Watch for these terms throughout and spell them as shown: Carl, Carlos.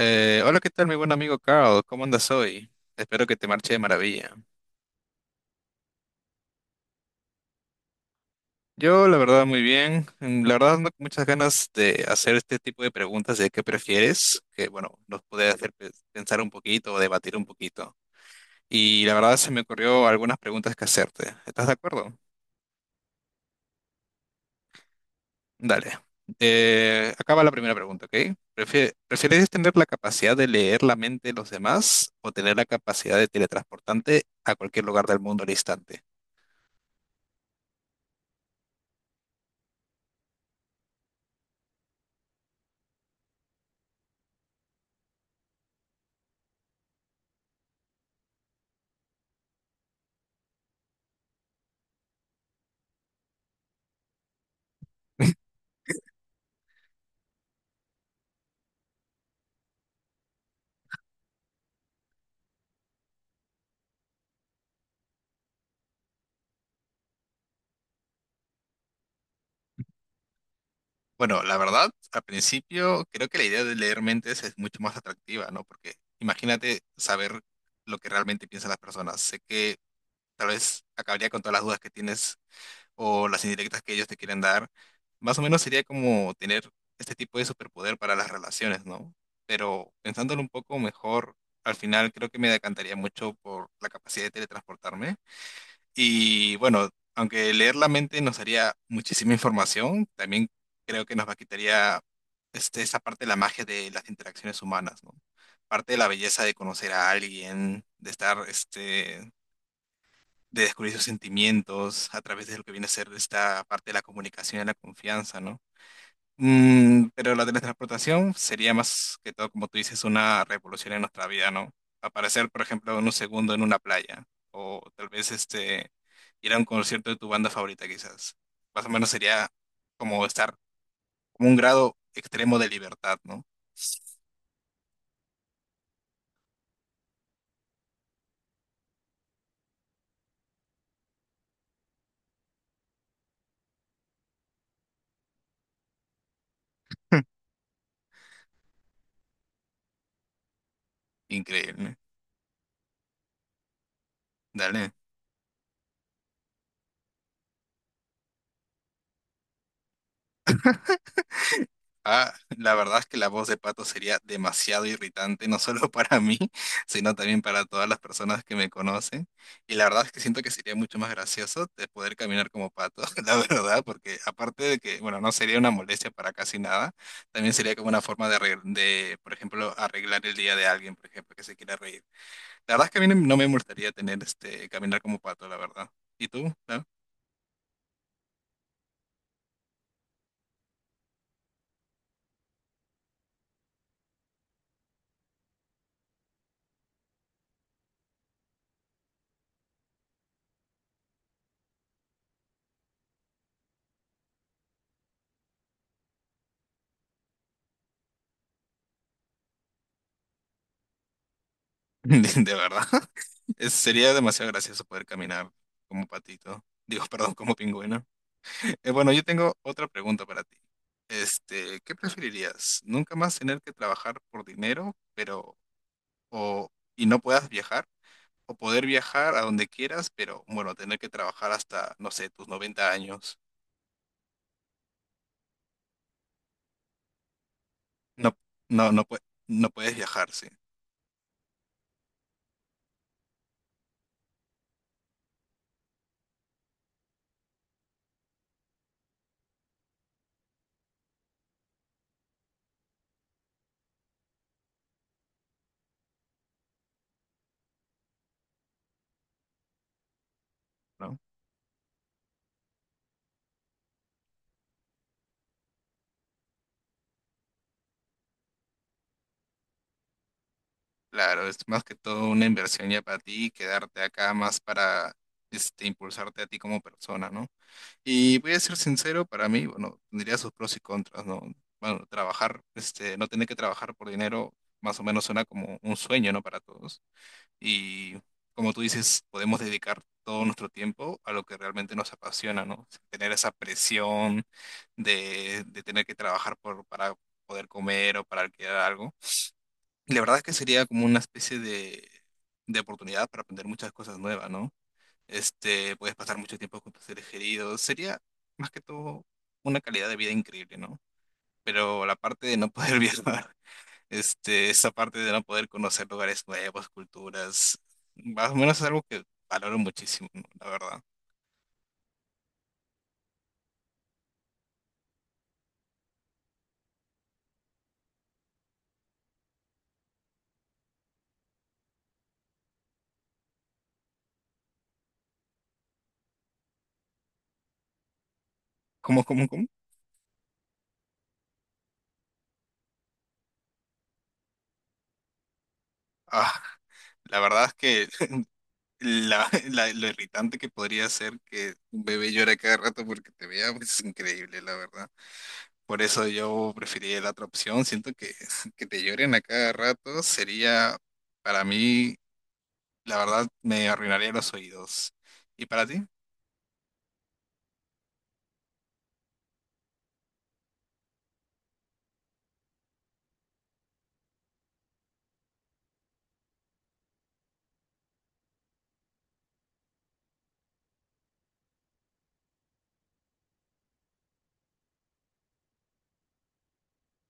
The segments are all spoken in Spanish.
Hola, ¿qué tal, mi buen amigo Carl? ¿Cómo andas hoy? Espero que te marche de maravilla. Yo, la verdad, muy bien. La verdad, ando con muchas ganas de hacer este tipo de preguntas de qué prefieres, que, bueno, nos puede hacer pensar un poquito o debatir un poquito. Y la verdad, se me ocurrió algunas preguntas que hacerte. ¿Estás de acuerdo? Dale. Acaba la primera pregunta, ¿ok? ¿Prefieres tener la capacidad de leer la mente de los demás o tener la capacidad de teletransportarte a cualquier lugar del mundo al instante? Bueno, la verdad, al principio creo que la idea de leer mentes es mucho más atractiva, ¿no? Porque imagínate saber lo que realmente piensan las personas. Sé que tal vez acabaría con todas las dudas que tienes o las indirectas que ellos te quieren dar. Más o menos sería como tener este tipo de superpoder para las relaciones, ¿no? Pero pensándolo un poco mejor, al final creo que me decantaría mucho por la capacidad de teletransportarme y bueno, aunque leer la mente nos daría muchísima información, también creo que nos va quitaría esa parte de la magia de las interacciones humanas, ¿no? Parte de la belleza de conocer a alguien, de estar, de descubrir sus sentimientos a través de lo que viene a ser esta parte de la comunicación y la confianza, ¿no? Pero la teletransportación sería más que todo, como tú dices, una revolución en nuestra vida, ¿no? Aparecer, por ejemplo, en un segundo en una playa, o tal vez ir a un concierto de tu banda favorita, quizás. Más o menos sería como estar como un grado extremo de libertad, ¿no? Increíble. Dale. Ah, la verdad es que la voz de Pato sería demasiado irritante, no solo para mí, sino también para todas las personas que me conocen. Y la verdad es que siento que sería mucho más gracioso de poder caminar como Pato, la verdad, porque aparte de que, bueno, no sería una molestia para casi nada, también sería como una forma de, de, por ejemplo, arreglar el día de alguien, por ejemplo, que se quiera reír. La verdad es que a mí no me molestaría tener caminar como Pato, la verdad. ¿Y tú? ¿No? De verdad. Sería demasiado gracioso poder caminar como patito. Digo, perdón, como pingüino. Bueno, yo tengo otra pregunta para ti. ¿Qué preferirías? ¿Nunca más tener que trabajar por dinero, pero o y no puedas viajar? ¿O poder viajar a donde quieras, pero bueno, tener que trabajar hasta, no sé, tus 90 años? No, no, no, no puedes viajar, sí, ¿no? Claro, es más que todo una inversión ya para ti y quedarte acá más para impulsarte a ti como persona, ¿no? Y voy a ser sincero, para mí, bueno, tendría sus pros y contras, ¿no? Bueno, trabajar, no tener que trabajar por dinero, más o menos suena como un sueño, ¿no? Para todos. Y como tú dices, podemos dedicar todo nuestro tiempo a lo que realmente nos apasiona, ¿no? Sin tener esa presión de tener que trabajar por, para poder comer o para alquilar algo. Y la verdad es que sería como una especie de oportunidad para aprender muchas cosas nuevas, ¿no? Puedes pasar mucho tiempo con tus seres queridos. Sería más que todo una calidad de vida increíble, ¿no? Pero la parte de no poder viajar, esa parte de no poder conocer lugares nuevos, culturas, más o menos es algo que valoro muchísimo, ¿no? La verdad. ¿Cómo, cómo, cómo? Ah, la verdad es que lo irritante que podría ser que un bebé llore a cada rato porque te vea, pues es increíble, la verdad. Por eso yo preferiría la otra opción. Siento que, que te lloren a cada rato sería, para mí, la verdad, me arruinaría los oídos. ¿Y para ti?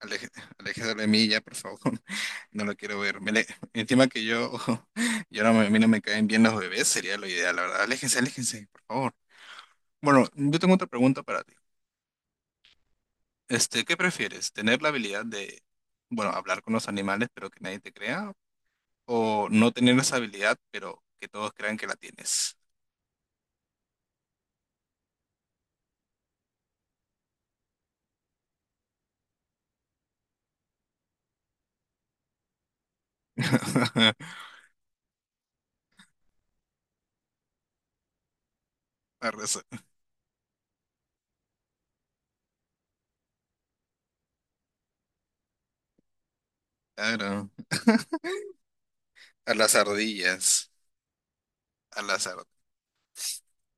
Aleje- Aléjese de mí ya, por favor. No lo quiero ver. Encima que yo, yo no, a mí no me caen bien los bebés, sería lo ideal, la verdad. Aléjense, aléjense, por favor. Bueno, yo tengo otra pregunta para ti. ¿Qué prefieres? ¿Tener la habilidad de, bueno, hablar con los animales, pero que nadie te crea? ¿O no tener esa habilidad, pero que todos crean que la tienes? A raza- Claro, a las ardillas, a las ardillas.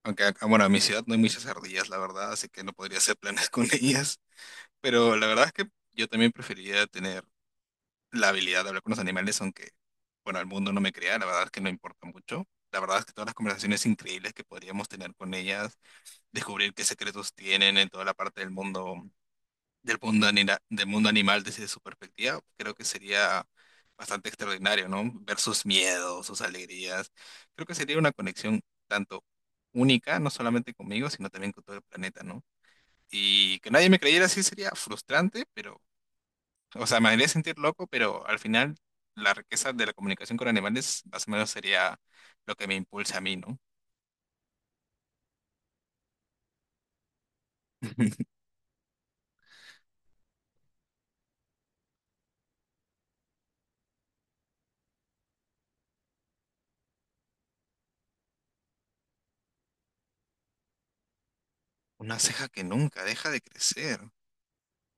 Aunque, bueno, en mi ciudad no hay muchas ardillas, la verdad, así que no podría hacer planes con ellas. Pero la verdad es que yo también preferiría tener la habilidad de hablar con los animales, aunque, bueno, el mundo no me crea, la verdad es que no importa mucho. La verdad es que todas las conversaciones increíbles que podríamos tener con ellas, descubrir qué secretos tienen en toda la parte del mundo, del mundo animal desde su perspectiva, creo que sería bastante extraordinario, ¿no? Ver sus miedos, sus alegrías. Creo que sería una conexión tanto única, no solamente conmigo, sino también con todo el planeta, ¿no? Y que nadie me creyera así sería frustrante, pero, o sea, me haría sentir loco, pero al final la riqueza de la comunicación con animales más o menos sería lo que me impulsa a mí, ¿no? Una ceja que nunca deja de crecer.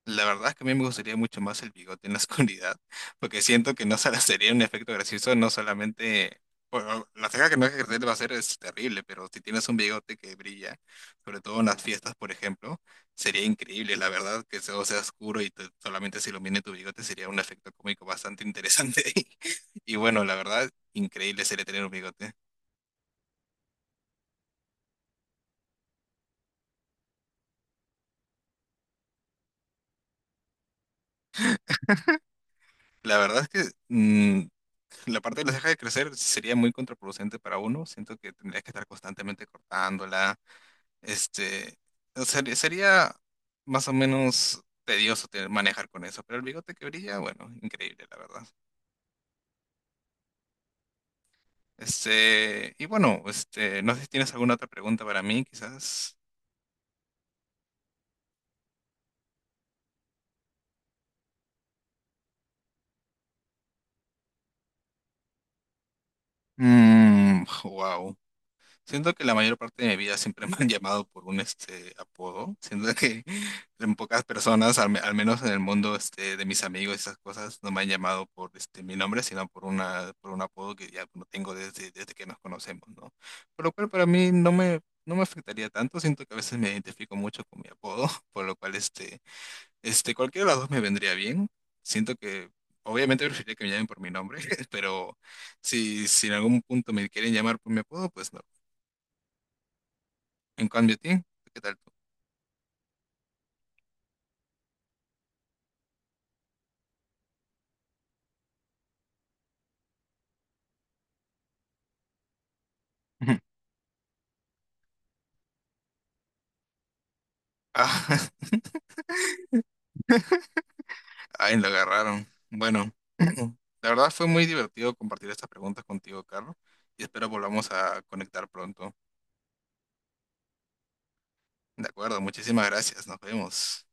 La verdad es que a mí me gustaría mucho más el bigote en la oscuridad, porque siento que no solo sería un efecto gracioso, no solamente... Bueno, la ceja que no hay que crecer va a ser es terrible, pero si tienes un bigote que brilla, sobre todo en las fiestas, por ejemplo, sería increíble, la verdad, que todo sea oscuro y solamente se ilumine tu bigote sería un efecto cómico bastante interesante. Y bueno, la verdad, increíble sería tener un bigote. La verdad es que la parte de la ceja de crecer sería muy contraproducente para uno, siento que tendrías que estar constantemente cortándola. Este, o sea, sería más o menos tedioso manejar con eso, pero el bigote que brilla, bueno, increíble, la verdad. Y bueno, no sé si tienes alguna otra pregunta para mí, quizás. Mmm, Siento que la mayor parte de mi vida siempre me han llamado por un apodo. Siento que en pocas personas, al menos en el mundo de mis amigos, y esas cosas, no me han llamado por mi nombre, sino por una, por un apodo que ya lo tengo desde, desde que nos conocemos, ¿no? Por lo cual para mí no me afectaría tanto. Siento que a veces me identifico mucho con mi apodo, por lo cual cualquiera de las dos me vendría bien. Siento que obviamente preferiría que me llamen por mi nombre, pero si en algún punto me quieren llamar por mi apodo, pues no. En cambio a ti, ¿qué tal tú? Ujú. Ah, ay, lo agarraron. Bueno, la verdad fue muy divertido compartir estas preguntas contigo, Carlos, y espero volvamos a conectar pronto. De acuerdo, muchísimas gracias. Nos vemos.